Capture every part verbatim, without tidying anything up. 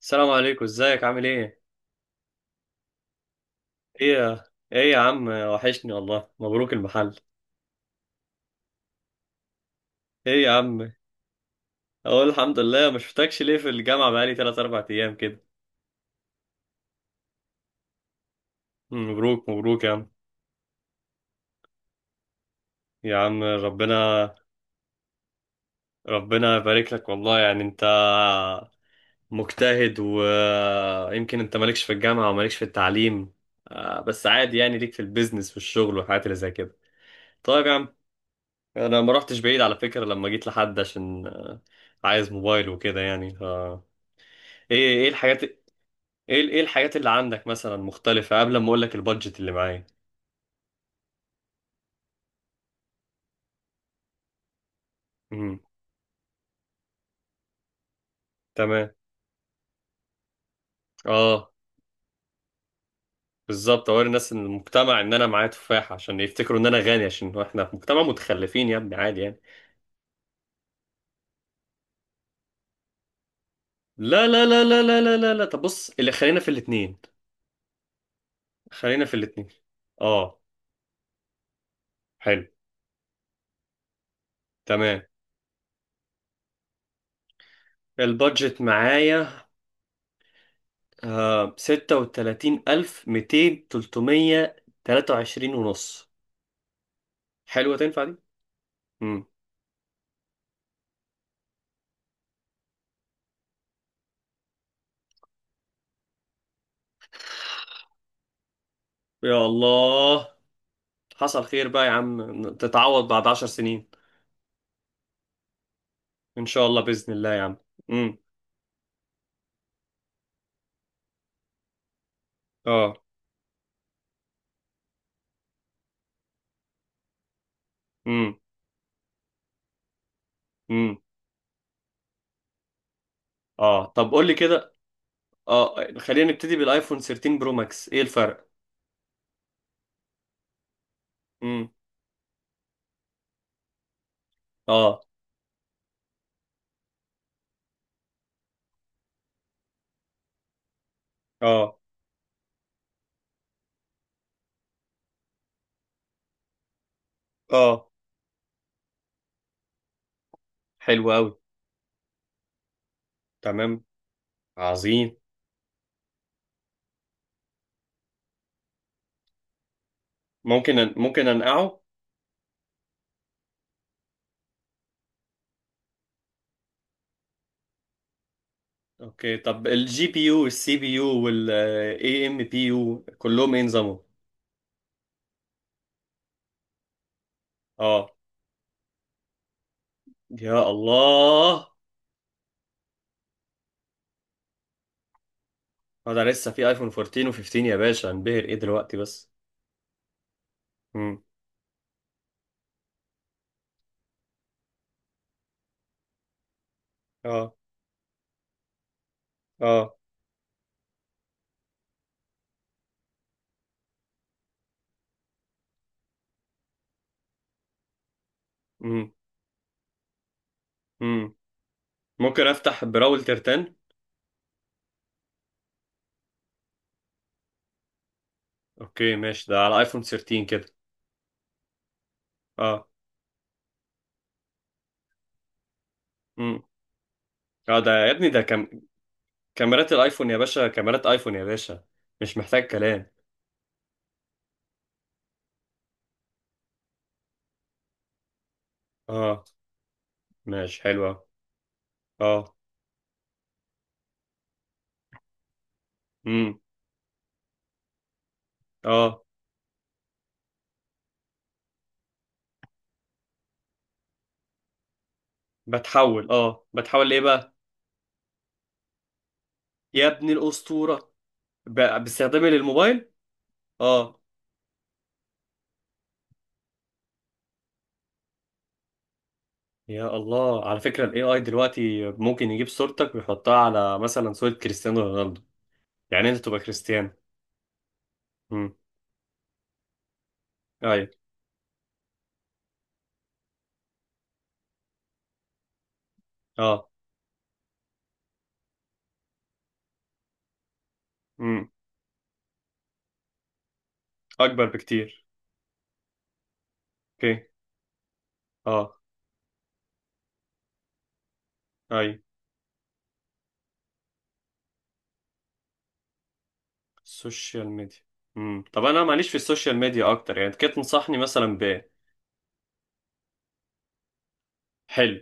السلام عليكم، ازيك؟ عامل ايه؟ ايه يا ايه يا عم، وحشني والله. مبروك المحل. ايه يا عم، اقول الحمد لله. ما شفتكش ليه في الجامعه؟ بقالي ثلاثة أربعة ايام كده. مبروك مبروك يا عم. يا عم ربنا، ربنا يبارك لك والله. يعني انت مجتهد، ويمكن انت مالكش في الجامعه ومالكش في التعليم، آه، بس عادي يعني، ليك في البيزنس والشغل والحاجات اللي زي كده. طيب يا عم، انا ما رحتش بعيد على فكره، لما جيت لحد عشان آه، عايز موبايل وكده يعني. ايه؟ ايه الحاجات؟ ايه، ايه الحاجات اللي عندك مثلا مختلفة، قبل ما اقول لك البادجت اللي معايا. امم تمام. اه، بالظبط اوري الناس ان المجتمع، ان انا معايا تفاح عشان يفتكروا ان انا غني، عشان احنا في مجتمع متخلفين يا ابني، عادي يعني. لا لا لا لا لا لا لا لا، طب بص، اللي خلينا في الاتنين، خلينا في الاتنين. اه. حلو. تمام. البادجت معايا آه ستة وتلاتين ألف ميتين تلتمية، تلاتة وعشرين ونص. حلوة؟ تنفع دي؟ مم. يا الله. حصل خير بقى يا عم، تتعوض بعد عشر سنين. ان شاء الله باذن الله يا عم. امم اه. امم امم اه. طب قول لي كده. اه، خلينا نبتدي بالايفون تلتاشر برو ماكس. ايه الفرق؟ امم اه. اه. اه. حلو قوي. تمام. عظيم. ممكن أن... ممكن انقعه؟ اوكي. طب الجي بي يو والسي بي يو والاي ام بي يو كلهم ايه نظامهم؟ اه. يا الله. هو ده لسه، في ايفون اربعتاشر و15 يا باشا هنبهر ايه دلوقتي بس؟ امم اه. اه. مم. مم. ممكن افتح براول ترتان؟ اوكي ماشي، ده على ايفون تلتاشر كده. اه. مم. اه، ده يا ابني، ده كم... كاميرات الايفون يا باشا، كاميرات ايفون يا باشا، مش محتاج كلام. اه. ماشي حلوة. اه. مم. اه، بتحول، اه، بتحول ليه بقى؟ يا ابني الاسطورة. ب... باستخدامي للموبايل. اه. يا الله، على فكرة الاي اي دلوقتي ممكن يجيب صورتك ويحطها على مثلا صورة كريستيانو رونالدو، يعني انت تبقى كريستيانو. مم. ايوه. اه. اكبر بكتير. اوكي. اه. اي. السوشيال ميديا. امم طب انا ماليش في السوشيال ميديا اكتر يعني، انت كده تنصحني مثلا ب. حلو.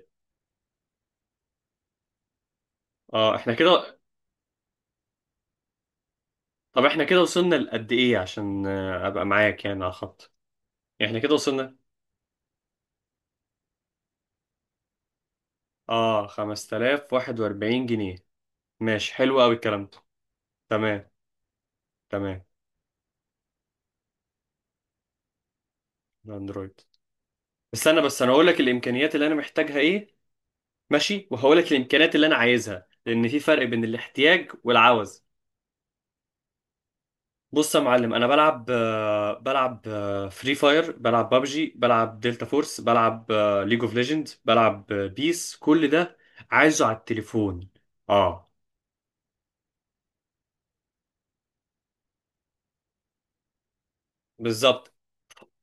اه، احنا كده. طب احنا كده وصلنا لقد ايه، عشان آه، ابقى معاك يعني على خط. احنا كده وصلنا. اه، خمستلاف وواحد واربعين جنيه. ماشي، حلو قوي الكلام ده. تمام. تمام. اندرويد. استنى بس، انا هقول لك الامكانيات اللي انا محتاجها ايه. ماشي، وهقول لك الامكانيات اللي انا عايزها، لان في فرق بين الاحتياج والعوز. بص يا معلم، انا بلعب، آه، بلعب فري فاير، بلعب بابجي، بلعب دلتا فورس، بلعب ليج اوف ليجند، بلعب آه، بيس، كل ده عايزه على التليفون. اه. بالظبط.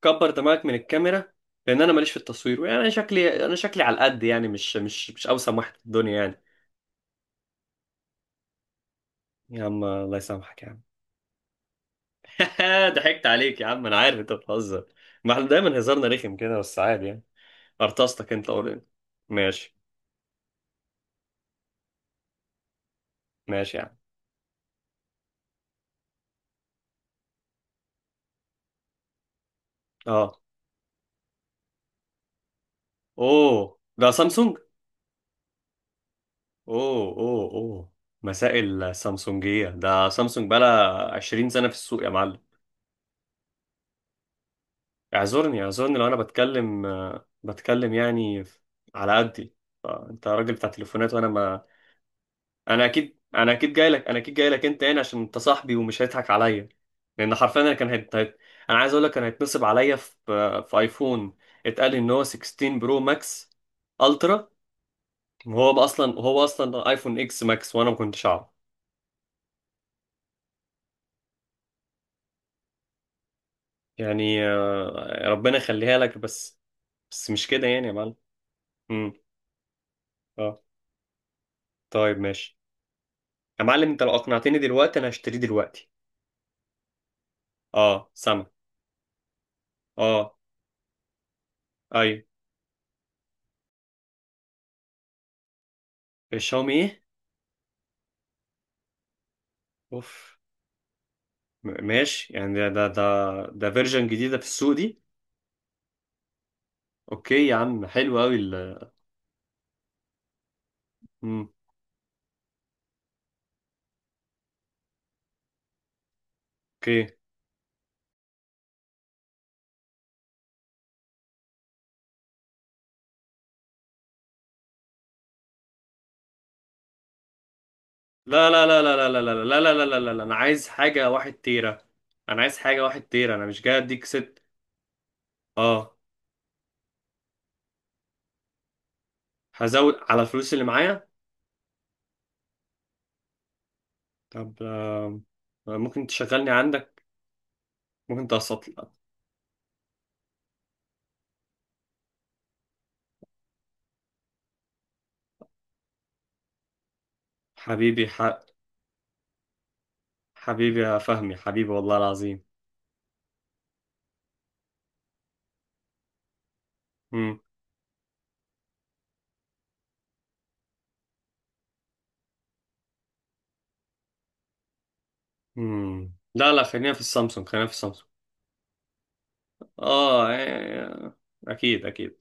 كبر دماغك من الكاميرا، لان انا ماليش في التصوير يعني. انا شكلي، انا شكلي على القد يعني، مش مش مش اوسم واحد في الدنيا يعني. يا عم الله يسامحك يا عم. ضحكت عليك يا عم، انا عارف انت بتهزر. ما احنا دايما هزارنا رخم كده، بس عادي يعني. ارتستك انت قول إيه. ماشي. ماشي يا عم. اه. اوه، ده سامسونج. اوه اوه اوه. مسائل سامسونجية، ده سامسونج بقالها عشرين سنة في السوق يا معلم. اعذرني اعذرني، لو انا بتكلم آه، بتكلم يعني ف- على قدي. آه، انت راجل بتاع تليفونات وانا ما. انا اكيد، انا اكيد جاي لك، انا اكيد جاي لك انت هنا عشان انت صاحبي، ومش هيضحك عليا. لان حرفيا انا كان هيت... هيت- انا عايز اقول لك كان هيتنصب عليا في آه، في ايفون، اتقال ان هو ستة عشر برو ماكس الترا، وهو اصلا، هو اصلا ايفون اكس ماكس، وانا ما كنتش اعرف. يعني آه، ربنا يخليها لك بس. بس مش كده يعني يا معلم. امم اه. طيب ماشي. يا معلم انت لو اقنعتني دلوقتي انا هشتريه دلوقتي. اه سامع. اه. ايوه. الشاومي ايه؟ اوف. م- ماشي يعني، ده ده ده ده فيرجن جديده في السوق دي. اوكي يا عم، حلو قوي ال امم اوكي. لا لا لا لا لا لا لا لا لا لا لا لا لا، انا عايز حاجه واحد تيرة. انا عايز حاجه واحد تيرة، انا مش جاي اديك ست. اه. هزود على الفلوس اللي معايا. طب آه، ممكن تشغلني عندك؟ ممكن تقسط لي؟ حبيبي ح... حبيبي يا فهمي، حبيبي والله العظيم. مم. مم. لا لا، خلينا في السامسونج، خلينا في السامسونج. اه. آه، آه، اكيد اكيد.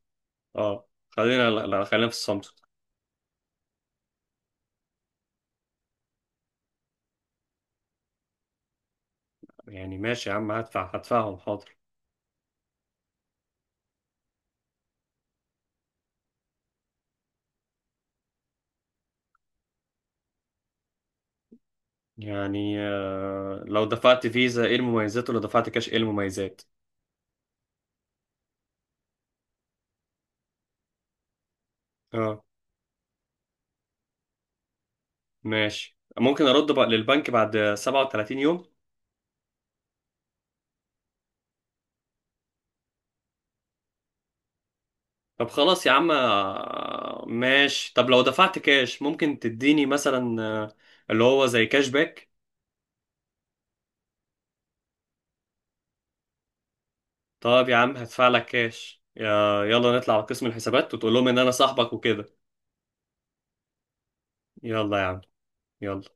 اه، خلينا، لا لا خلينا في السامسونج. يعني ماشي يا عم، هدفع، هدفعهم حاضر. يعني آه، لو دفعت فيزا ايه المميزات؟ ولو دفعت كاش ايه المميزات؟ اه ماشي، ممكن ارد بقى للبنك بعد سبعة وتلاتين يوم. طب خلاص يا عم، آه، ماشي. طب لو دفعت كاش، ممكن تديني مثلا آه، اللي هو زي كاش باك؟ طب يا عم هدفع لك كاش، يا- يلا نطلع على قسم الحسابات وتقول لهم ان انا صاحبك وكده. يلا يا عم. يلا.